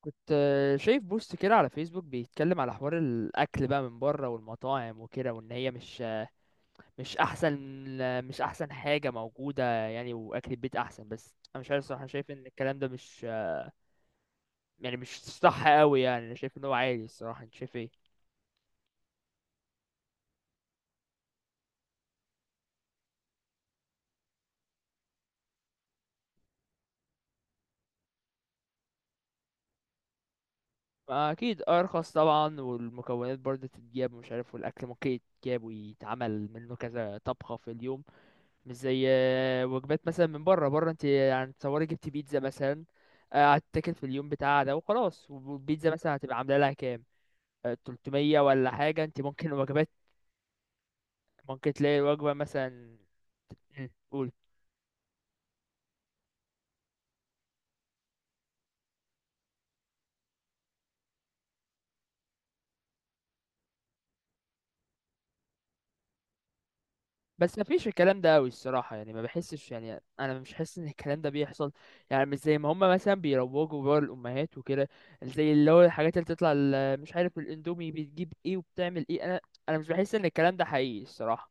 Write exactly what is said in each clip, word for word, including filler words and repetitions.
كنت آه، شايف بوست كده على فيسبوك بيتكلم على حوار الاكل بقى من بره والمطاعم وكده، وان هي مش مش احسن مش احسن حاجه موجوده، يعني واكل البيت احسن، بس انا مش عارف الصراحه، شايف ان الكلام ده مش يعني مش صح قوي، يعني انا شايف ان هو عادي الصراحه، انت شايف ايه؟ ما اكيد ارخص طبعا، والمكونات برضه تتجاب ومش عارف، والاكل ممكن يتجاب ويتعمل منه كذا طبخه في اليوم، مش زي آه، وجبات مثلا من بره، بره انت يعني تصوري جبت بيتزا مثلا، آه، هتتاكل في اليوم بتاعها ده وخلاص، والبيتزا مثلا هتبقى عامله لها كام؟ آه، تلت ميه ولا حاجه، انت ممكن وجبات ممكن تلاقي الوجبه مثلا. مم، قول. بس ما فيش الكلام ده قوي الصراحه، يعني ما بحسش، يعني انا مش حاسس ان الكلام ده بيحصل، يعني مش زي ما هم مثلا بيروجوا بره الامهات وكده، زي اللي هو الحاجات اللي بتطلع ال- مش عارف الاندومي بتجيب ايه وبتعمل ايه، انا انا مش بحس ان الكلام ده حقيقي الصراحه.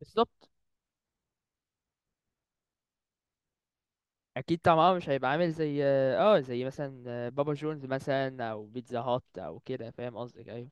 بالظبط. اكيد طبعا مش هيبقى عامل زي، اه زي مثلا آه، بابا جونز مثلا او بيتزا هات او كده، فاهم قصدك، ايوه.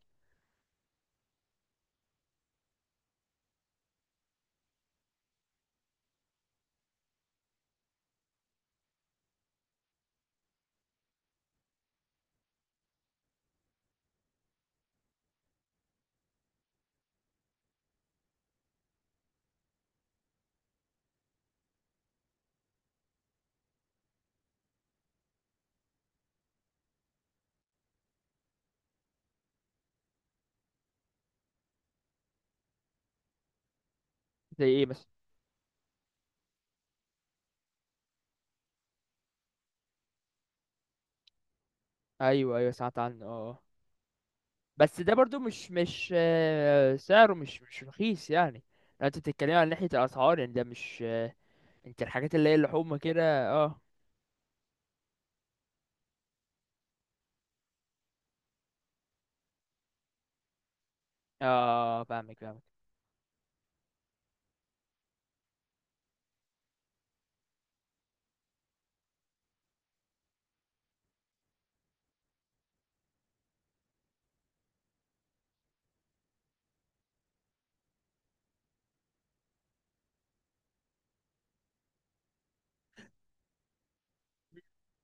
زي ايه مثلا؟ ايوه ايوه سمعت عنه اه. بس ده برضو مش مش آه، سعره مش مش رخيص يعني، لو انت بتتكلم عن ناحية الاسعار يعني ده مش آه، انت الحاجات اللي هي اللحوم كده اه. اه فاهمك فاهمك.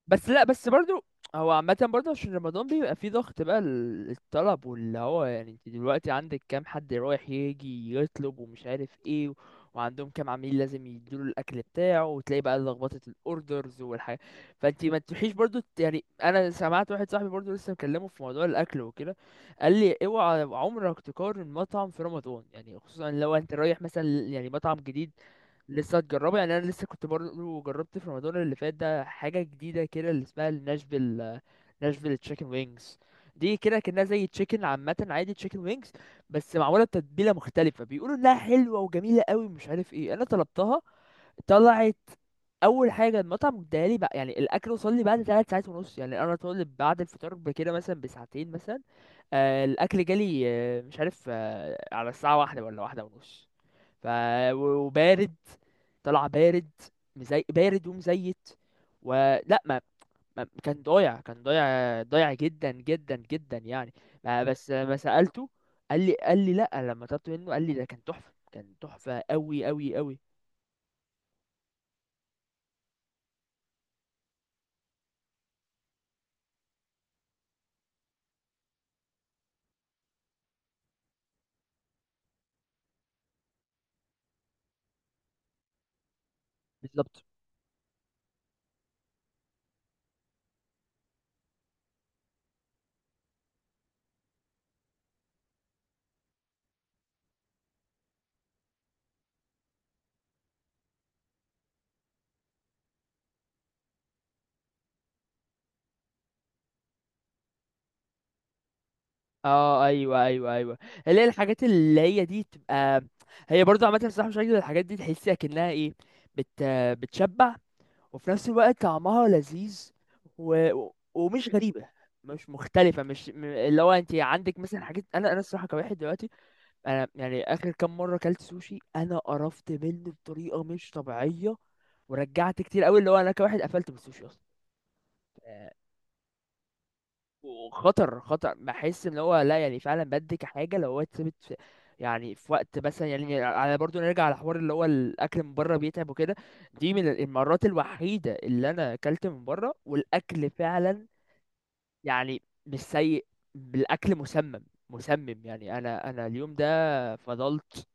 بس لا بس برضو هو عامة برضو عشان رمضان بيبقى فيه ضغط بقى ال- الطلب، واللي هو يعني انت دلوقتي عندك كام حد رايح يجي يطلب ومش عارف ايه و... وعندهم كام عميل لازم يديله الأكل بتاعه، وتلاقي بقى لخبطة الأوردرز والحاجة، فانت ما تروحيش برضو ت- يعني أنا سمعت واحد صاحبي برضو لسه مكلمه في موضوع الأكل وكده، قال لي اوعى عمرك تقارن مطعم في رمضان، يعني خصوصا لو انت رايح مثلا يعني مطعم جديد لسه هتجربه. يعني انا لسه كنت برضه جربت في رمضان اللي فات ده حاجه جديده كده اللي اسمها الناشفيل ناشفيل تشيكن وينجز، دي كده كانها زي تشيكن عامه، عادي تشيكن وينجز بس معموله بتتبيله مختلفه، بيقولوا انها حلوه وجميله قوي مش عارف ايه، انا طلبتها طلعت. اول حاجه المطعم اداها لي بقى يعني الاكل وصل لي بعد ثلاث ساعات ونص، يعني انا طالب بعد الفطار بكده مثلا بساعتين مثلا، آه الاكل جالي آه مش عارف آه على الساعه واحدة ولا واحدة ونص. ف و- وبارد، طلع بارد، مزي... بارد ومزيت، ولا ما... ما كان ضايع كان ضايع ضايع جدا جدا جدا يعني. ما بس ما سألته، قال لي قال لي لا، لما طلبت منه قال لي ده كان تحفة كان تحفة قوي قوي قوي. بالظبط. اه ايوه ايوه ايوه، اللي هي الحاجات اللي هي دي تبقى هي برضه عامة الصراحة مش عاجبة، الحاجات دي تحسيها كأنها ايه، بت... بتشبع، وفي نفس الوقت طعمها لذيذ، و... و- ومش غريبة، مش مختلفة مش م- اللي هو انت عندك مثلا حاجات، انا انا الصراحة كواحد دلوقتي، انا يعني اخر كام مرة اكلت سوشي انا قرفت منه بطريقة مش طبيعية، ورجعت كتير قوي، اللي هو انا كواحد قفلت بالسوشي اصلا، وخطر خطر، بحس ان هو لا يعني فعلا بدي كحاجه لو هو اتثبت في، يعني في وقت مثلا، يعني على برضو نرجع على حوار اللي هو الاكل من بره بيتعب وكده، دي من المرات الوحيده اللي انا اكلت من بره والاكل فعلا يعني مش سيء، بالاكل مسمم، مسمم، يعني انا انا اليوم ده فضلت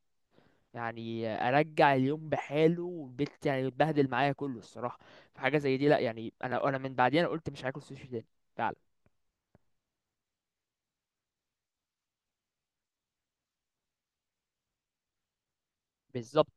يعني ارجع اليوم بحاله والبيت يعني اتبهدل معايا كله الصراحه، فحاجه زي دي لا يعني انا انا من بعديها انا قلت مش هاكل سوشي تاني فعلا. بالظبط.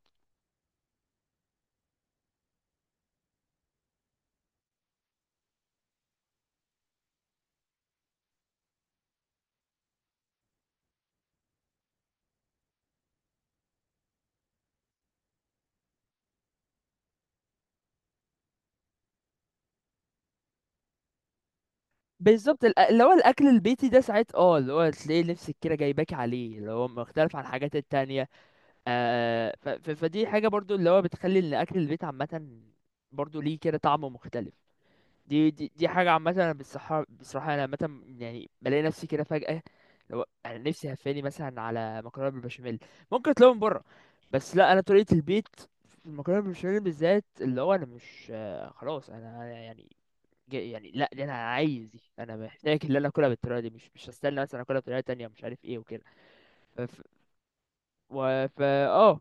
بالظبط الأ- اللي هو الاكل البيتي ده ساعات اه، اللي هو تلاقي نفسك كده جايباك عليه، اللي هو مختلف عن الحاجات التانية. آه ف ف فدي حاجة برضو اللي هو بتخلي ان اكل البيت عامة برضو ليه كده طعم مختلف. دي دي دي حاجة عامة، انا بصراحة بصراحة انا عامة يعني بلاقي نفسي كده فجأة لو انا نفسي هفاني مثلا على مكرونة بالبشاميل ممكن اطلبها من بره، بس لا، انا طريقة البيت في المكرونة بالبشاميل بالذات اللي هو انا مش آه خلاص انا يعني ج- يعني لا، دي انا عايز، دي انا محتاج اللي انا اكلها بالطريقه دي، مش مش هستنى مثلا اكلها بطريقه تانية مش عارف ايه وكده. ف ف- و... ف اه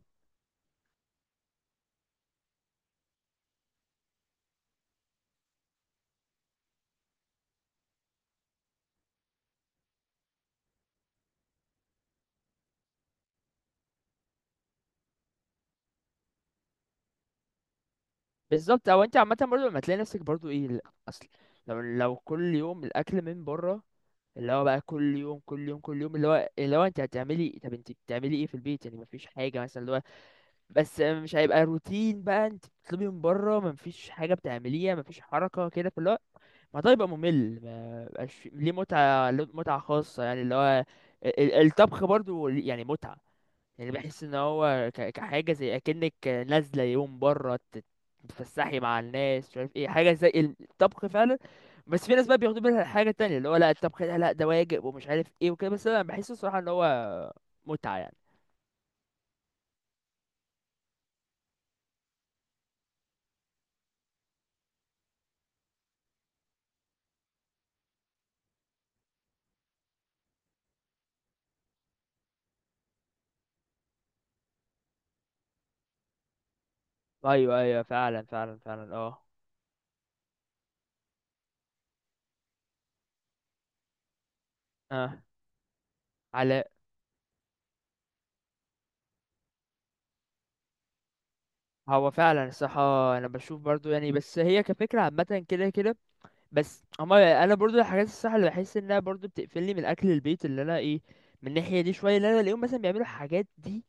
بالظبط، او انت عامه برضو لما تلاقي نفسك برضو ايه لا، اصل لو لو كل يوم الاكل من بره اللي هو بقى كل يوم كل يوم كل يوم، اللي هو اللي هو انت هتعملي، طب انت بتعملي ايه في البيت يعني مفيش حاجه مثلا اللي هو، بس مش هيبقى روتين بقى، انت بتطلبي من بره مفيش حاجه بتعمليها، مفيش حركه كده فاللي هو، ما ده يبقى ممل، ما بقاش في- ليه متعة، له متعة خاصة يعني، اللي هو ال- ال- الطبخ برضو ليه يعني متعة، يعني بحس ان هو ك- كحاجة زي اكنك نازلة يوم برا تت- تتفسحي مع الناس مش عارف ايه، حاجة زي الطبخ فعلا. بس في ناس بقى بياخدوا بالها حاجة تانية، اللي هو لا الطبخ ده لا ده واجب ومش عارف ايه وكده، بس انا بحس الصراحة ان هو متعة يعني. ايوه ايوه فعلا فعلا فعلا اه. اه. على. هو فعلا الصراحة، أنا بشوف برضو يعني بس هي كفكرة عامة كده كده، بس اما انا برضو الحاجات الصح اللي بحس انها برضو بتقفلني من اكل البيت، اللي انا ايه، من الناحيه دي شويه اللي انا بلاقيهم مثلا بيعملوا الحاجات دي،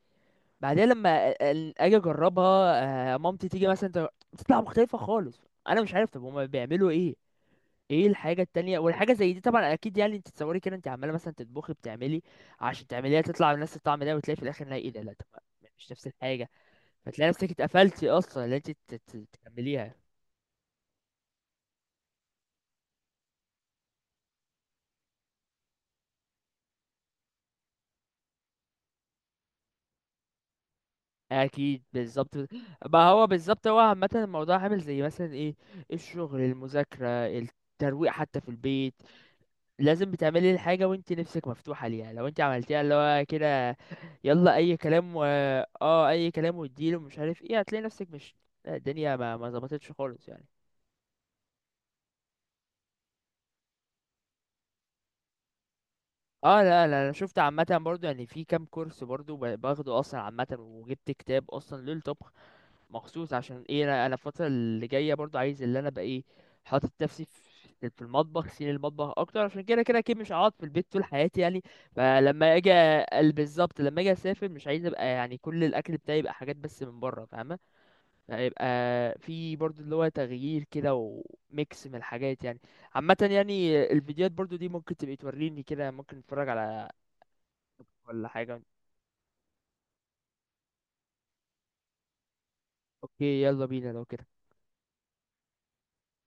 بعدها لما ال- اجي اجربها، آه، مامتي تيجي مثلا تغ- تطلع مختلفه خالص، انا مش عارف طب هما بيعملوا ايه؟ ايه الحاجه التانية والحاجه زي دي طبعا اكيد، يعني انت تصوري كده انت عماله مثلا تطبخي بتعملي عشان تعمليها تطلع بنفس الطعم ده، وتلاقي في الاخر إنها ايه، ده لا طب مش نفس الحاجه، فتلاقي نفسك اتقفلتي اصلا اللي انت ت- ت- تكمليها. اكيد بالظبط. ما هو بالظبط، هو عامه الموضوع عامل زي مثلا ايه، الشغل المذاكره الترويق حتى في البيت، لازم بتعملي الحاجه وانت نفسك مفتوحه ليها، لو انت عملتيها اللي هو كده يلا اي كلام و اه اي كلام واديله مش عارف ايه، هتلاقي نفسك مش الدنيا ما ما ظبطتش خالص يعني. اه لا لا، انا شفت عامه برضو يعني، في كام كورس برضو ب- باخده اصلا عامه، وجبت كتاب اصلا للطبخ مخصوص عشان ايه، انا انا الفتره اللي جايه برضو عايز، اللي انا بقى ايه حاطط نفسي في في المطبخ سين المطبخ اكتر، عشان كده كده اكيد مش هقعد في البيت طول حياتي يعني، فلما اجي أ- بالظبط لما اجي اسافر مش عايز ابقى يعني كل الاكل بتاعي يبقى حاجات بس من بره، فاهمه، هيبقى في برضو اللي هو تغيير كده وميكس من الحاجات يعني، عامه يعني الفيديوهات برضو دي ممكن تبقى توريني كده ممكن نتفرج على، ولا حاجه، اوكي يلا بينا لو كده.